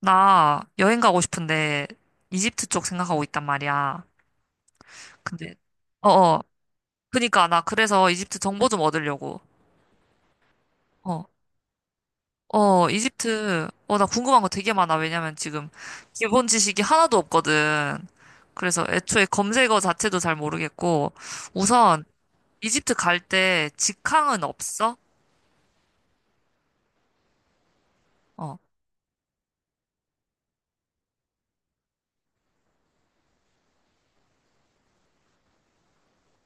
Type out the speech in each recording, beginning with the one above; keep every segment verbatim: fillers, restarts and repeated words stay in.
나 여행 가고 싶은데 이집트 쪽 생각하고 있단 말이야. 근데 어어 그니까 나 그래서 이집트 정보 좀 얻으려고. 어. 어, 이집트, 어, 나 궁금한 거 되게 많아. 왜냐면 지금 기본 지식이 하나도 없거든. 그래서 애초에 검색어 자체도 잘 모르겠고, 우선 이집트 갈 때 직항은 없어? 어.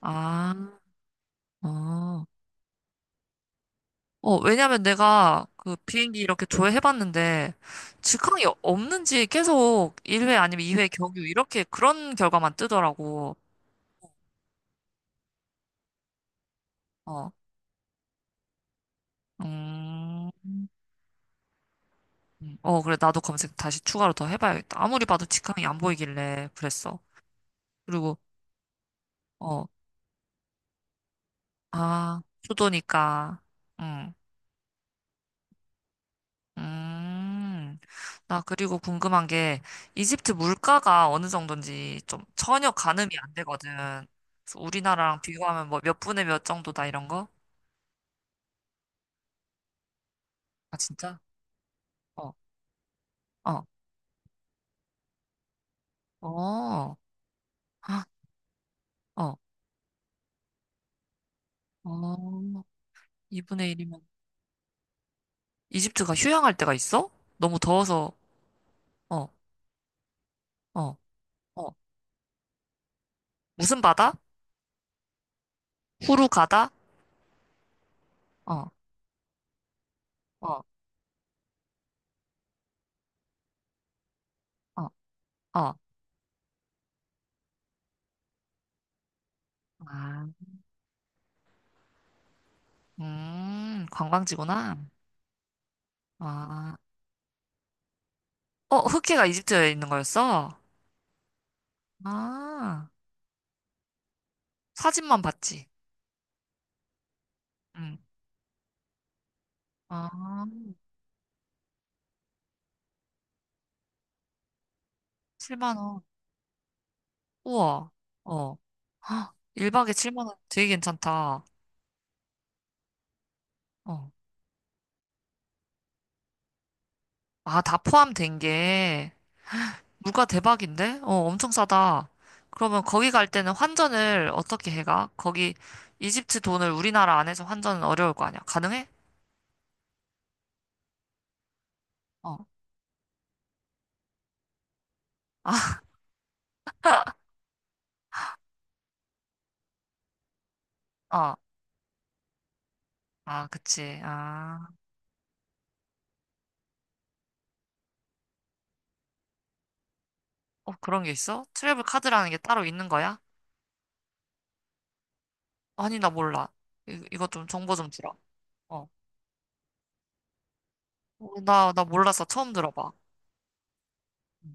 아, 어. 어, 왜냐면 내가 그 비행기 이렇게 조회해봤는데 직항이 없는지 계속 일 회 아니면 이 회 경유 이렇게 그런 결과만 뜨더라고. 어, 음, 음. 어, 그래. 나도 검색 다시 추가로 더 해봐야겠다. 아무리 봐도 직항이 안 보이길래 그랬어. 그리고, 어, 아, 수도니까. 음. 음, 나 그리고 궁금한 게 이집트 물가가 어느 정도인지 좀 전혀 가늠이 안 되거든. 그래서 우리나라랑 비교하면 뭐 몇 분의 몇 정도다 이런 거? 아, 진짜? 어, 어, 어, 헉, 어, 어, 이분의 일이면 이집트가 휴양할 때가 있어? 너무 더워서, 어, 어, 어, 무슨 바다? 후루가다? 어, 어, 어, 어. 아, 음, 관광지구나. 아, 어, 흑해가 이집트에 있는 거였어? 아, 사진만 봤지. 응. 아, 칠만 원. 우와. 어. 헉, 일 박에 칠만 원 되게 괜찮다. 어. 아, 다 포함된 게 물가 대박인데? 어, 엄청 싸다. 그러면 거기 갈 때는 환전을 어떻게 해가? 거기 이집트 돈을 우리나라 안에서 환전은 어려울 거 아니야. 가능해? 어. 아, 어. 아, 그치. 아. 어, 그런 게 있어? 트래블 카드라는 게 따로 있는 거야? 아니, 나 몰라. 이, 이거 좀 정보 좀 주라. 어. 어, 나, 나 몰랐어. 처음 들어봐. 음.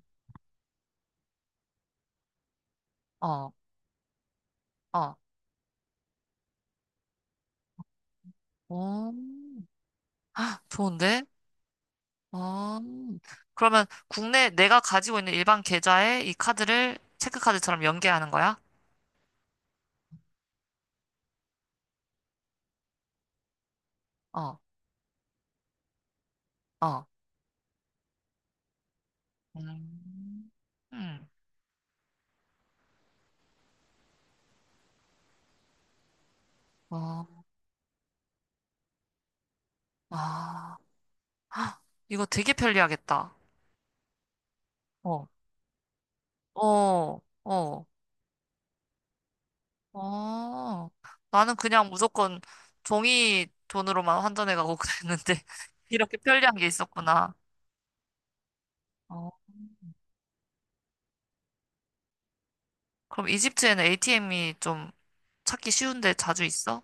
어, 어. 오, 아, 좋은데? 어, 그러면 국내 내가 가지고 있는 일반 계좌에 이 카드를 체크카드처럼 연계하는 거야? 어, 어. 음, 음, 어, 아, 아, 이거 되게 편리하겠다. 어, 어, 어, 어. 나는 그냥 무조건 종이 돈으로만 환전해가고 그랬는데 이렇게 편리한 게 있었구나. 어, 그럼 이집트에는 에이티엠이 좀 찾기 쉬운데 자주 있어?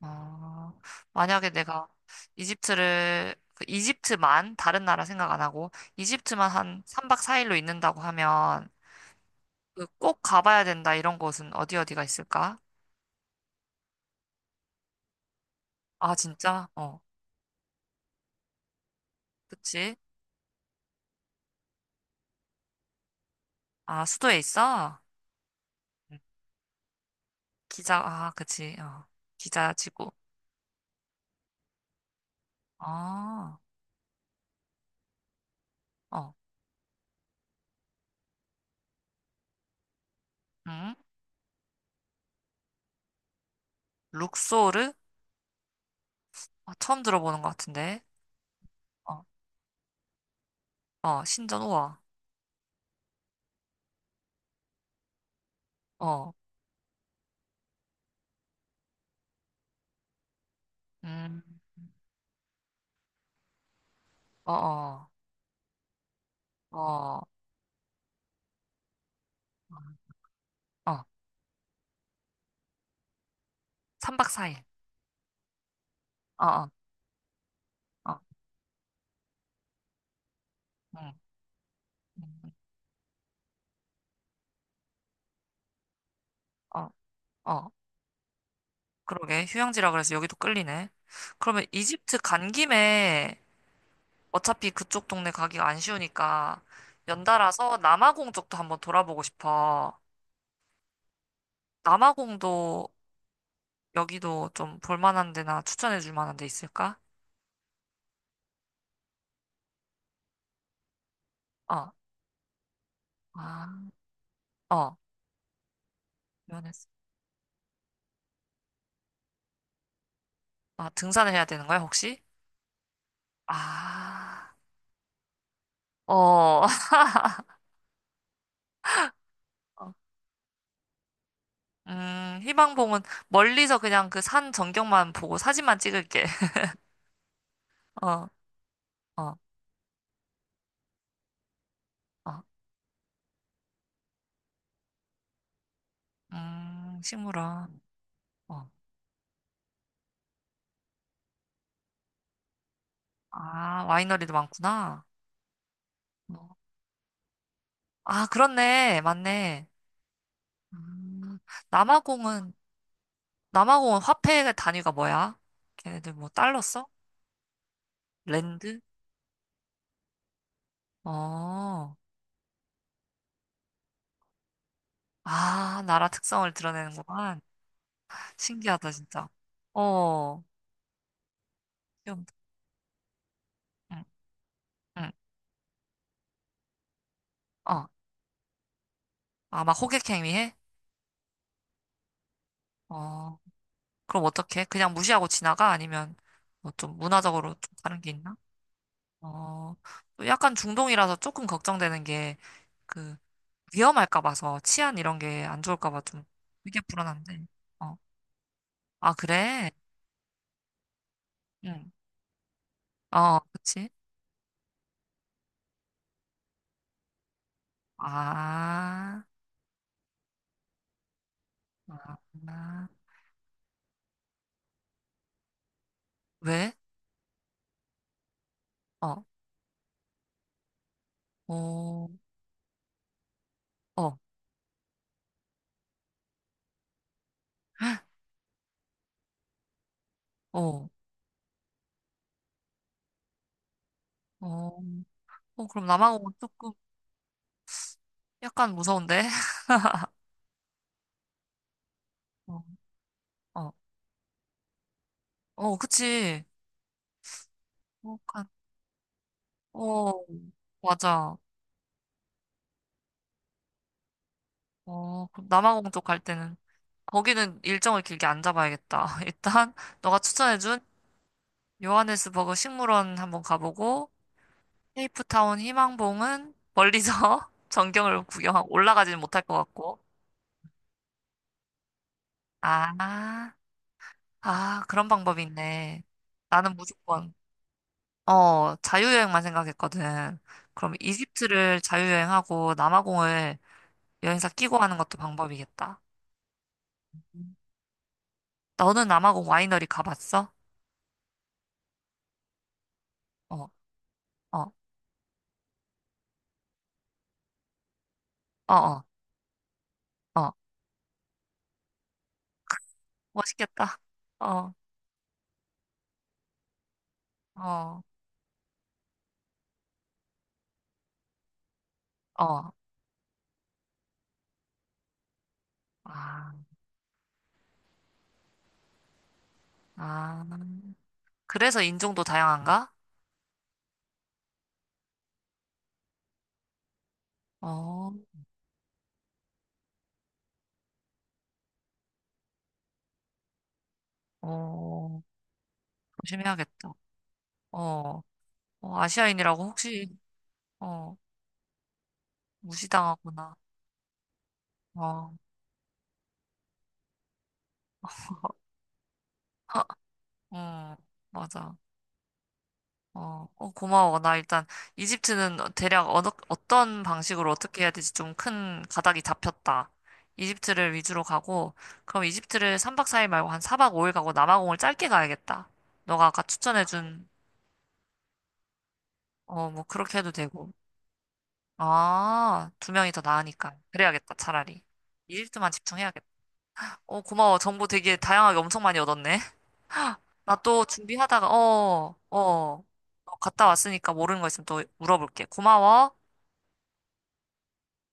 어, 만약에 내가 이집트를, 그 이집트만, 다른 나라 생각 안 하고, 이집트만 한 삼 박 사 일로 있는다고 하면, 그 꼭 가봐야 된다, 이런 곳은 어디 어디가 있을까? 아, 진짜? 어, 그치? 아, 수도에 있어? 응. 기자, 아, 그치, 어, 기자지구. 아, 어, 응? 룩소르? 아, 처음 들어보는 것 같은데. 어, 어, 신전 우와. 어. 음. 어, 어, 어, 어, 삼 박 사 일. 어, 어, 어, 응, 응, 응. 어, 어. 그러게. 휴양지라 그래서 여기도 끌리네. 그러면 이집트 간 김에 어차피 그쪽 동네 가기가 안 쉬우니까 연달아서 남아공 쪽도 한번 돌아보고 싶어. 남아공도 여기도 좀 볼만한 데나 추천해 줄 만한 데 있을까? 어, 아, 어, 면에서. 아, 등산을 해야 되는 거야, 혹시? 아, 어. 음, 희망봉은 멀리서 그냥 그 산 전경만 보고 사진만 찍을게. 어, 어, 어. 음, 식물원. 어. 아, 와이너리도 많구나. 어. 아, 그렇네. 맞네. 음, 남아공은, 남아공은 화폐 단위가 뭐야? 걔네들 뭐 달러 써? 랜드? 어. 아, 나라 특성을 드러내는구만. 신기하다, 진짜. 어. 좀, 응, 응. 어. 아, 막 호객행위 해? 어. 그럼 어떡해? 그냥 무시하고 지나가? 아니면 뭐 좀 문화적으로 좀 다른 게 있나? 어, 또 약간 중동이라서 조금 걱정되는 게 그 위험할까 봐서 치안 이런 게 안 좋을까 봐 좀 되게 불안한데. 어, 아 그래? 응. 어, 그치? 아, 아, 아. 왜? 어, 어, 어, 어, 어, 어, 그럼 남아공은 조금 약간 무서운데? 어, 어, 어, 그치? 어, 간- 어, 맞아. 어, 그럼 남아공 쪽 갈 때는 거기는 일정을 길게 안 잡아야겠다. 일단 너가 추천해준 요하네스버그 식물원 한번 가보고 케이프타운 희망봉은 멀리서 전경을 구경하고 올라가지는 못할 것 같고. 아, 아, 그런 방법이 있네. 나는 무조건 어, 자유여행만 생각했거든. 그럼 이집트를 자유여행하고 남아공을 여행사 끼고 하는 것도 방법이겠다. 너는 남아공 와이너리 가봤어? 어, 어, 어, 어. 어. 멋있겠다. 어, 어, 어. 아, 아. 그래서 인종도 다양한가? 어, 어. 조심해야겠다. 어, 어, 아시아인이라고 혹시, 어, 무시당하구나. 어, 하, 음, 맞아. 어, 어, 고마워. 나 일단 이집트는 대략 어느, 어떤 방식으로 어떻게 해야 될지 좀 큰 가닥이 잡혔다. 이집트를 위주로 가고, 그럼 이집트를 삼 박 사 일 말고 한 사 박 오 일 가고 남아공을 짧게 가야겠다. 너가 아까 추천해준 어, 뭐 그렇게 해도 되고. 아, 두 명이 더 나으니까. 그래야겠다, 차라리. 일트만 집중해야겠다. 어, 고마워. 정보 되게 다양하게 엄청 많이 얻었네. 나 또 준비하다가, 어, 어, 어, 갔다 왔으니까 모르는 거 있으면 또 물어볼게. 고마워.